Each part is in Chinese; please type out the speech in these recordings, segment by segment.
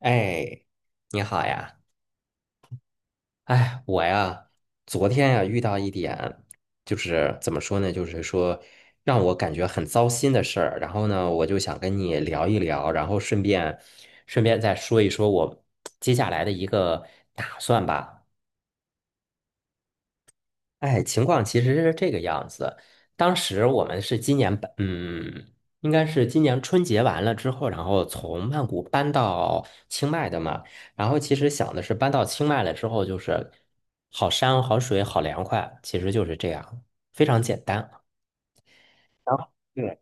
哎，你好呀！哎，我呀，昨天呀遇到一点，就是怎么说呢，就是说让我感觉很糟心的事儿。然后呢，我就想跟你聊一聊，然后顺便再说一说我接下来的一个打算吧。哎，情况其实是这个样子。当时我们是今年搬，嗯，应该是今年春节完了之后，然后从曼谷搬到清迈的嘛。然后其实想的是搬到清迈了之后，就是好山好水好凉快，其实就是这样，非常简单。然后对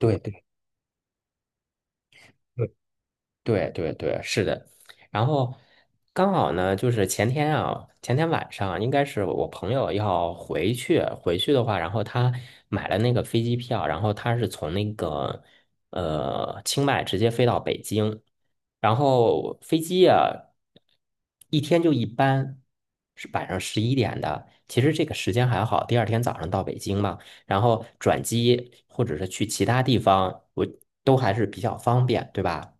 对对。对对对，是的。然后刚好呢，就是前天啊，前天晚上应该是我朋友要回去，回去的话，然后他买了那个飞机票，然后他是从那个清迈直接飞到北京，然后飞机啊一天就一班，是晚上11点的，其实这个时间还好，第二天早上到北京嘛，然后转机或者是去其他地方，我都还是比较方便，对吧？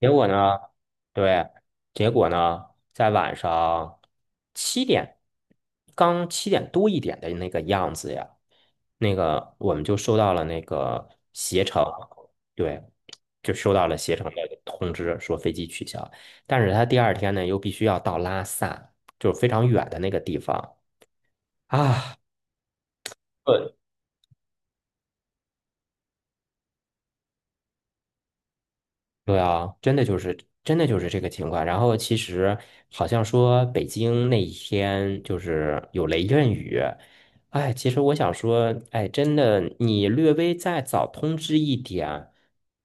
结果呢，对，结果呢，在晚上七点，刚七点多一点的那个样子呀，那个我们就收到了那个携程，对，就收到了携程的通知，说飞机取消。但是他第二天呢，又必须要到拉萨，就是非常远的那个地方啊。对啊，真的就是这个情况。然后其实好像说北京那一天就是有雷阵雨，哎，其实我想说，哎，真的你略微再早通知一点，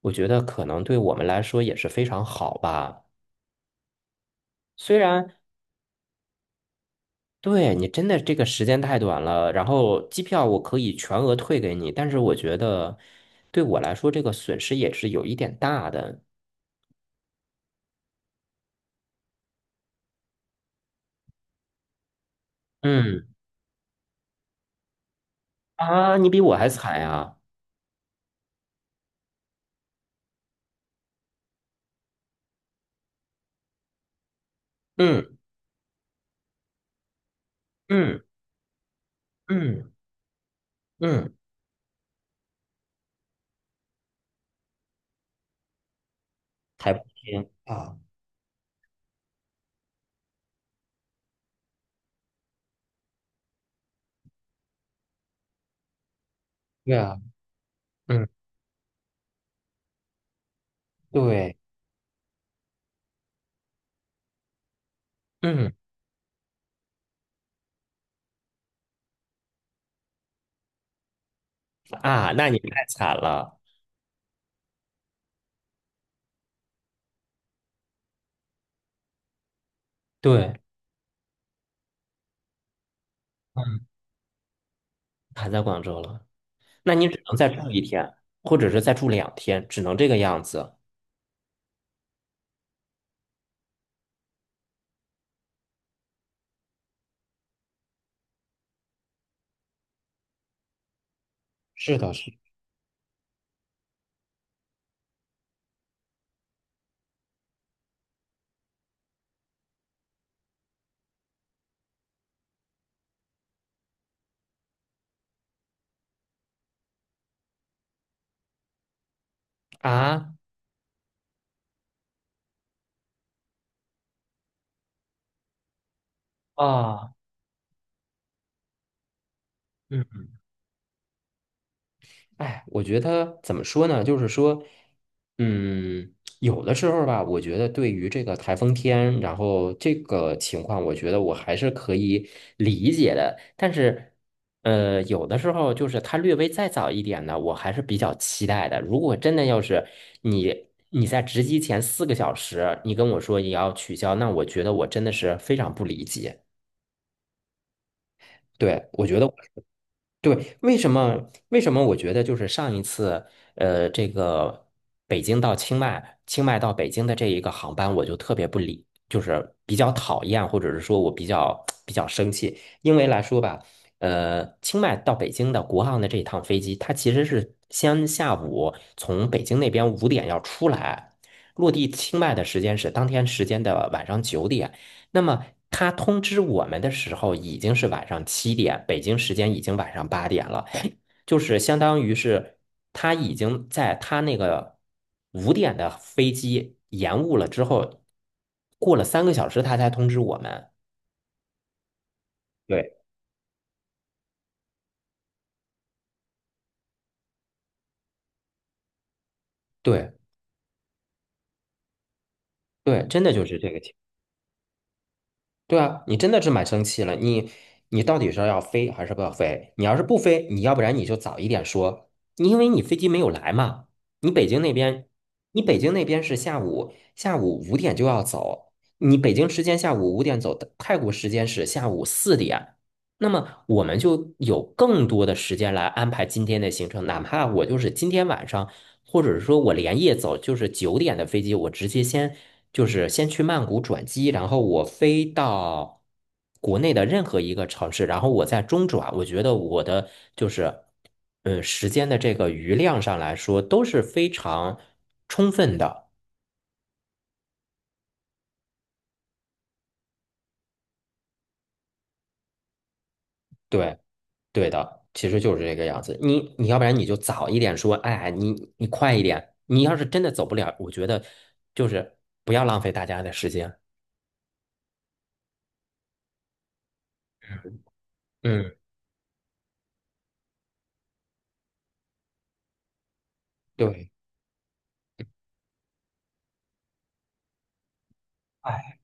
我觉得可能对我们来说也是非常好吧。虽然对你真的这个时间太短了，然后机票我可以全额退给你，但是我觉得对我来说这个损失也是有一点大的。嗯你比我还惨呀。嗯。嗯嗯嗯，还不行啊。对啊，嗯对，嗯那你太惨了，对，嗯，还在广州了，那你只能再住一天，或者是再住2天，只能这个样子。是的，是啊啊，嗯。哎，我觉得怎么说呢？就是说，嗯，有的时候吧，我觉得对于这个台风天，然后这个情况，我觉得我还是可以理解的。但是，呃，有的时候就是它略微再早一点呢，我还是比较期待的。如果真的要是你在值机前4个小时，你跟我说你要取消，那我觉得我真的是非常不理解。对，我觉得。对，为什么？为什么我觉得就是上一次，呃，这个北京到清迈，清迈到北京的这一个航班，我就特别不理，就是比较讨厌，或者是说我比较 生气，因为来说吧，呃，清迈到北京的国航的这一趟飞机，它其实是先下午从北京那边五点要出来，落地清迈的时间是当天时间的晚上九点。那么他通知我们的时候已经是晚上七点，北京时间已经晚上8点了，就是相当于是他已经在他那个五点的飞机延误了之后，过了3个小时他才通知我们。对，对对，真的就是这个情对啊，你真的是蛮生气了。你到底是要飞还是不要飞？你要是不飞，你要不然你就早一点说，因为你飞机没有来嘛。你北京那边，你北京那边是下午五点就要走，你北京时间下午五点走的，泰国时间是下午4点。那么我们就有更多的时间来安排今天的行程，哪怕我就是今天晚上。或者是说我连夜走，就是九点的飞机，我直接就是先去曼谷转机，然后我飞到国内的任何一个城市，然后我在中转。我觉得我的就是时间的这个余量上来说都是非常充分的。对，对的，其实就是这个样子。你要不然你就早一点说，哎，你快一点。你要是真的走不了，我觉得就是不要浪费大家的时间。嗯，对，哎，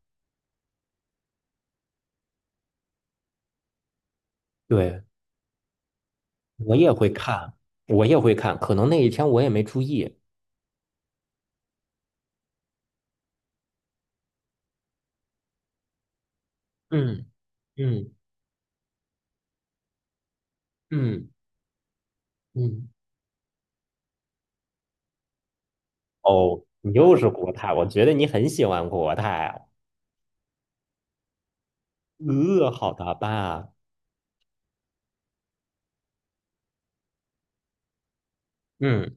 对。我也会看，我也会看，可能那一天我也没注意。嗯嗯嗯嗯。哦，你又是国泰，我觉得你很喜欢国泰啊。呃，好的吧。嗯，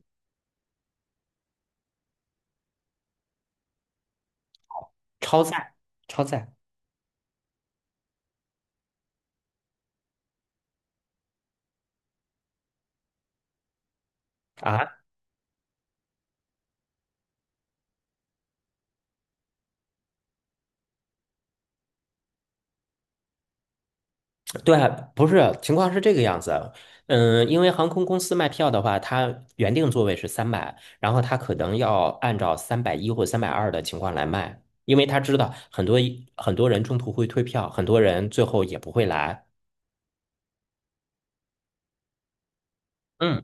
超载，超载啊，对，不是，情况是这个样子。嗯，因为航空公司卖票的话，它原定座位是三百，然后它可能要按照310或320的情况来卖，因为他知道很多很多人中途会退票，很多人最后也不会来。嗯。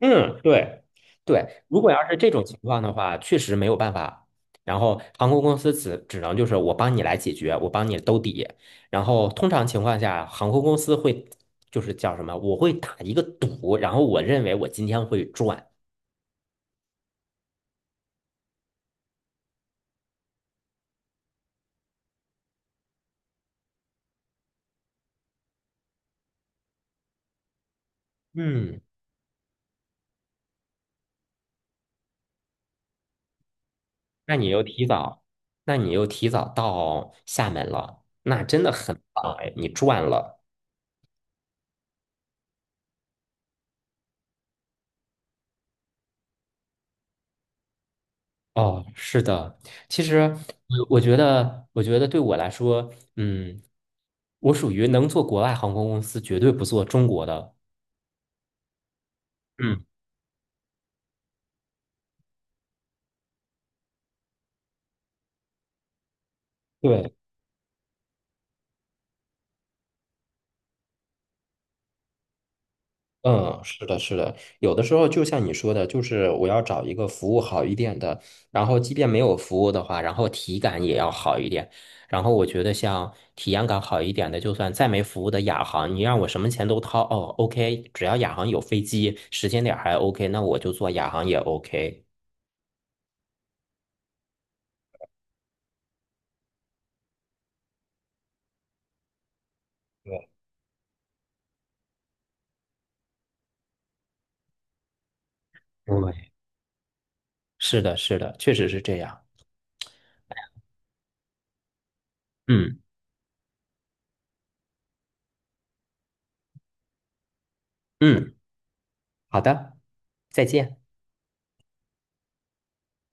嗯，对对，如果要是这种情况的话，确实没有办法。然后航空公司只能就是我帮你来解决，我帮你兜底。然后通常情况下，航空公司会就是叫什么？我会打一个赌，然后我认为我今天会赚。嗯，那你又提早，那你又提早到厦门了，那真的很棒哎，你赚了。哦，是的，其实我觉得对我来说，嗯，我属于能做国外航空公司，绝对不做中国的。嗯，对，嗯，是的，是的，有的时候就像你说的，就是我要找一个服务好一点的，然后即便没有服务的话，然后体感也要好一点。然后我觉得像体验感好一点的，就算再没服务的亚航，你让我什么钱都掏，哦，OK，只要亚航有飞机，时间点儿还 OK，那我就坐亚航也 OK。对是的，是的，确实是这样。嗯嗯，好的，再见。